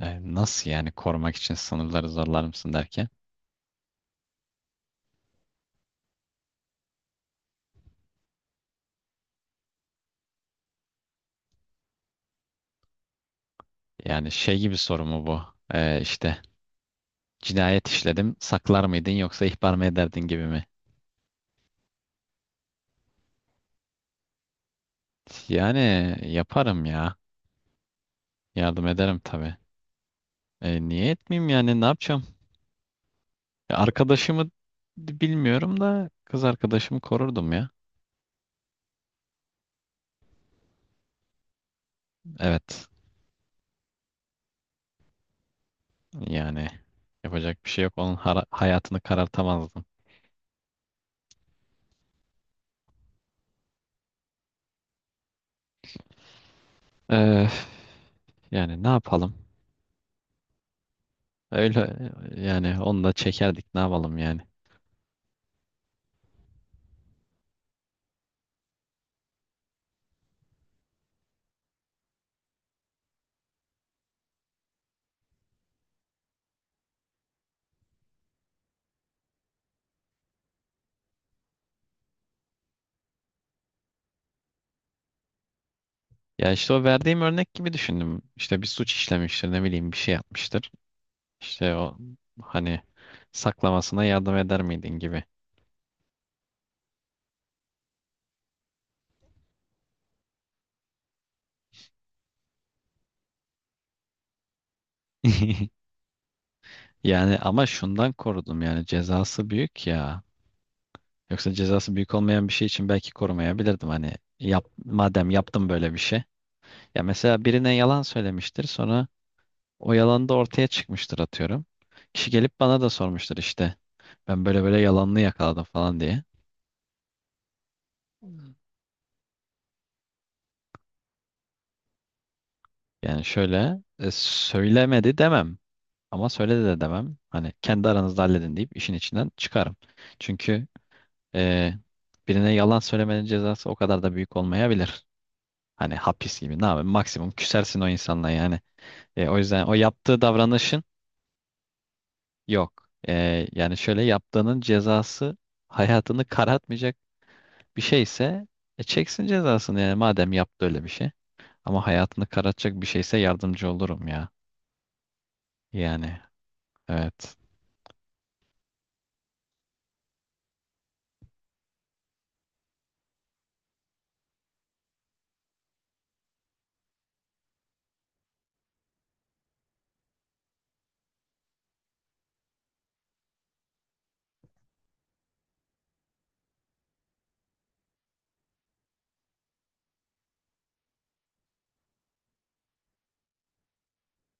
Nasıl yani korumak için sınırları zorlar mısın derken? Yani şey gibi soru mu bu? İşte cinayet işledim saklar mıydın yoksa ihbar mı ederdin gibi mi? Yani yaparım ya. Yardım ederim tabii. Niye etmeyeyim yani ne yapacağım? Arkadaşımı bilmiyorum da kız arkadaşımı korurdum ya. Evet yani yapacak bir şey yok. Onun hayatını karartamazdım. E, Yani ne yapalım? Öyle yani onu da çekerdik ne yapalım yani. Ya işte o verdiğim örnek gibi düşündüm. İşte bir suç işlemiştir, ne bileyim bir şey yapmıştır. İşte o hani saklamasına yardım eder miydin gibi. Yani ama şundan korudum yani cezası büyük ya. Yoksa cezası büyük olmayan bir şey için belki korumayabilirdim hani yap, madem yaptım böyle bir şey. Ya mesela birine yalan söylemiştir sonra o yalan da ortaya çıkmıştır atıyorum. Kişi gelip bana da sormuştur işte ben böyle böyle yalanını yakaladım falan diye. Yani şöyle söylemedi demem ama söyledi de demem. Hani kendi aranızda halledin deyip işin içinden çıkarım. Çünkü e, birine yalan söylemenin cezası o kadar da büyük olmayabilir. Hani hapis gibi ne yapayım maksimum küsersin o insanla yani. O yüzden o yaptığı davranışın yok. Yani şöyle yaptığının cezası hayatını karartmayacak bir şeyse çeksin cezasını yani madem yaptı öyle bir şey. Ama hayatını karartacak bir şeyse yardımcı olurum ya. Yani evet.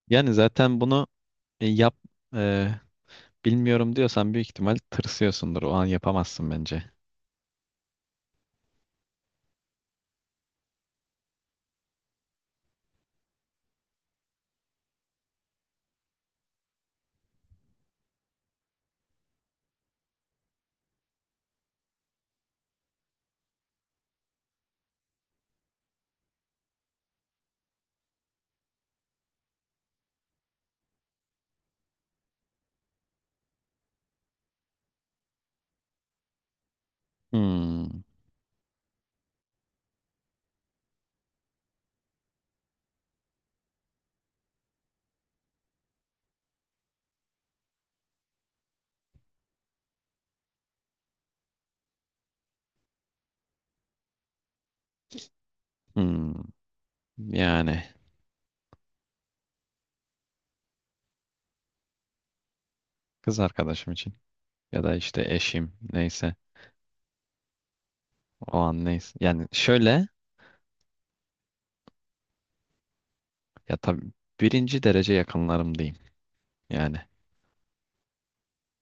Yani zaten bunu e, yap e, bilmiyorum diyorsan büyük ihtimal tırsıyorsundur. O an yapamazsın bence. Hmm, hmm. Yani kız arkadaşım için ya da işte eşim neyse o an neyse. Yani şöyle ya tabii birinci derece yakınlarım diyeyim. Yani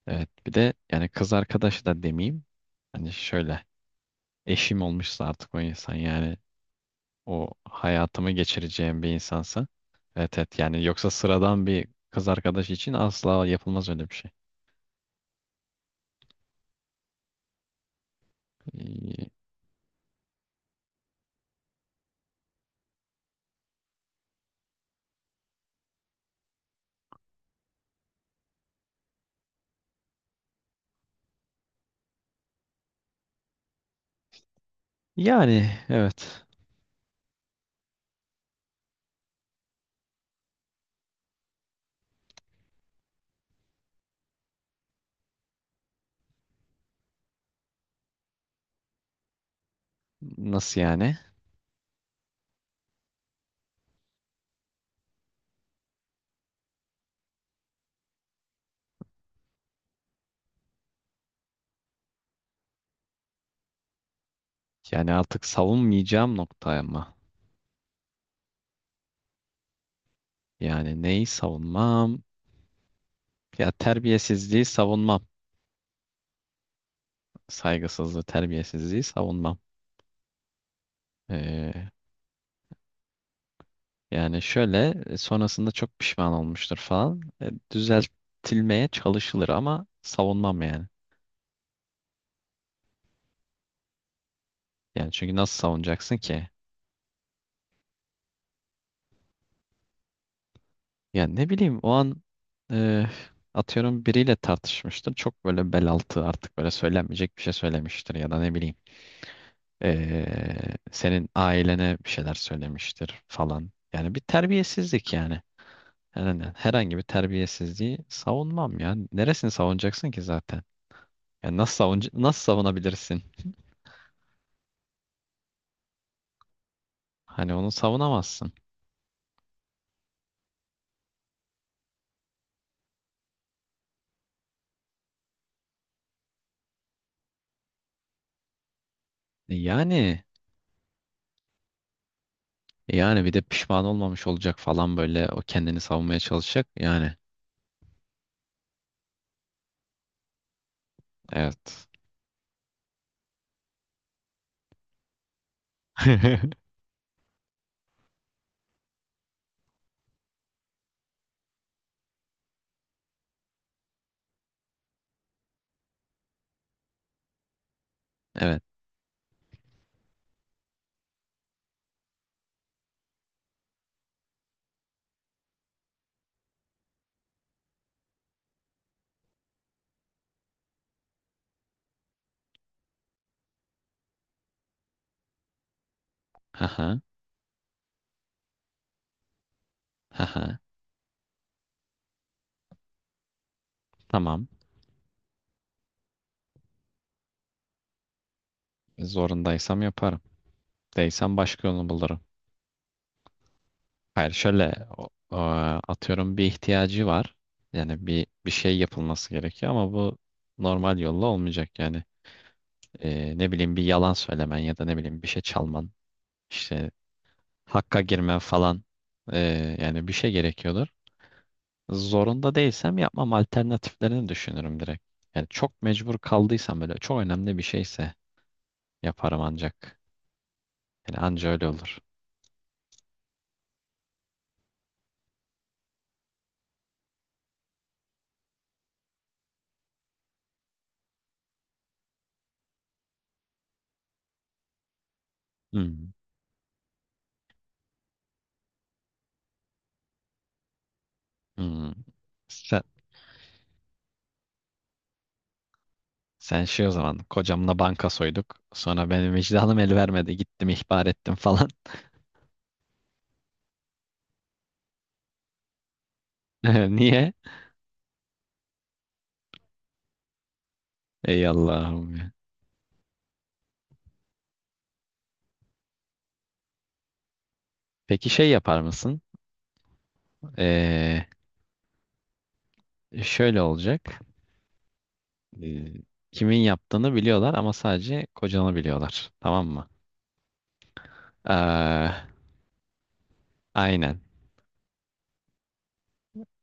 evet bir de yani kız arkadaşı da demeyeyim. Hani şöyle eşim olmuşsa artık o insan yani o hayatımı geçireceğim bir insansa. Evet evet yani yoksa sıradan bir kız arkadaş için asla yapılmaz öyle bir şey. Ee, Yani evet. Nasıl yani? Yani artık savunmayacağım noktaya mı? Yani neyi savunmam? Ya terbiyesizliği savunmam. Saygısızlığı, terbiyesizliği savunmam. Ee, Yani şöyle sonrasında çok pişman olmuştur falan. Düzeltilmeye çalışılır ama savunmam yani. Yani çünkü nasıl savunacaksın ki? Ya ne bileyim o an e, atıyorum biriyle tartışmıştır. Çok böyle bel altı artık böyle söylenmeyecek bir şey söylemiştir ya da ne bileyim senin ailene bir şeyler söylemiştir falan. Yani bir terbiyesizlik yani. Herhangi bir terbiyesizliği savunmam ya. Neresini savunacaksın ki zaten? Ya nasıl savunabilirsin? Hani onu savunamazsın. E Yani e yani bir de pişman olmamış olacak falan böyle o kendini savunmaya çalışacak. Yani evet. Evet. Haha, haha. Tamam. Zorundaysam yaparım. Değilsem başka yolunu bulurum. Hayır, şöyle atıyorum bir ihtiyacı var. Yani bir şey yapılması gerekiyor ama bu normal yolla olmayacak yani. Ne bileyim bir yalan söylemen ya da ne bileyim bir şey çalman, işte hakka girmen falan. Yani bir şey gerekiyordur. Zorunda değilsem yapmam alternatiflerini düşünürüm direkt. Yani çok mecbur kaldıysam böyle çok önemli bir şeyse yaparım ancak. Yani anca öyle olur. Hmm. Hmm. Sen, sen şey o zaman kocamla banka soyduk. Sonra benim vicdanım el vermedi. Gittim ihbar ettim falan. Niye? Ey Allah'ım. Ya. Peki şey yapar mısın? Ee, Şöyle olacak. Ee, Kimin yaptığını biliyorlar ama sadece kocanı biliyorlar. Tamam mı? Ee, aynen.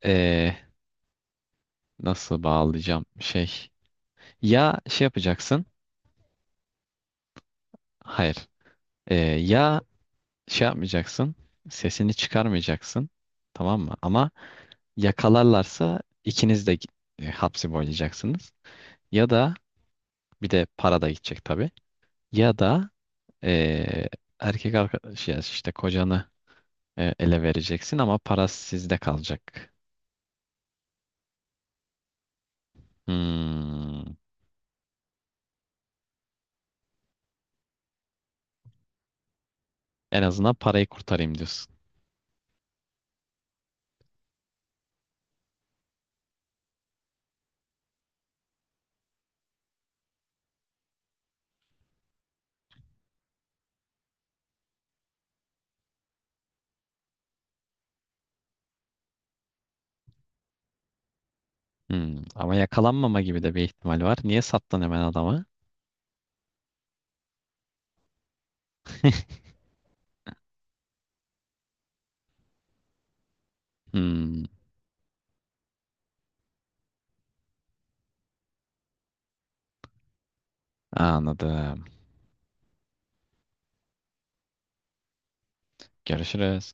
Ee, Nasıl bağlayacağım şey? Ya şey yapacaksın. Hayır. Ee, ya şey yapmayacaksın. Sesini çıkarmayacaksın. Tamam mı? Ama Yakalarlarsa ikiniz de hapsi boylayacaksınız. Ya da bir de para da gidecek tabii. Ya da e, erkek arkadaş ya işte kocanı ele vereceksin ama para sizde kalacak. Hmm. En azından parayı kurtarayım diyorsun. Hmm. Ama yakalanmama gibi de bir ihtimal var. Niye sattın hemen adama? Hmm. Anladım. Görüşürüz.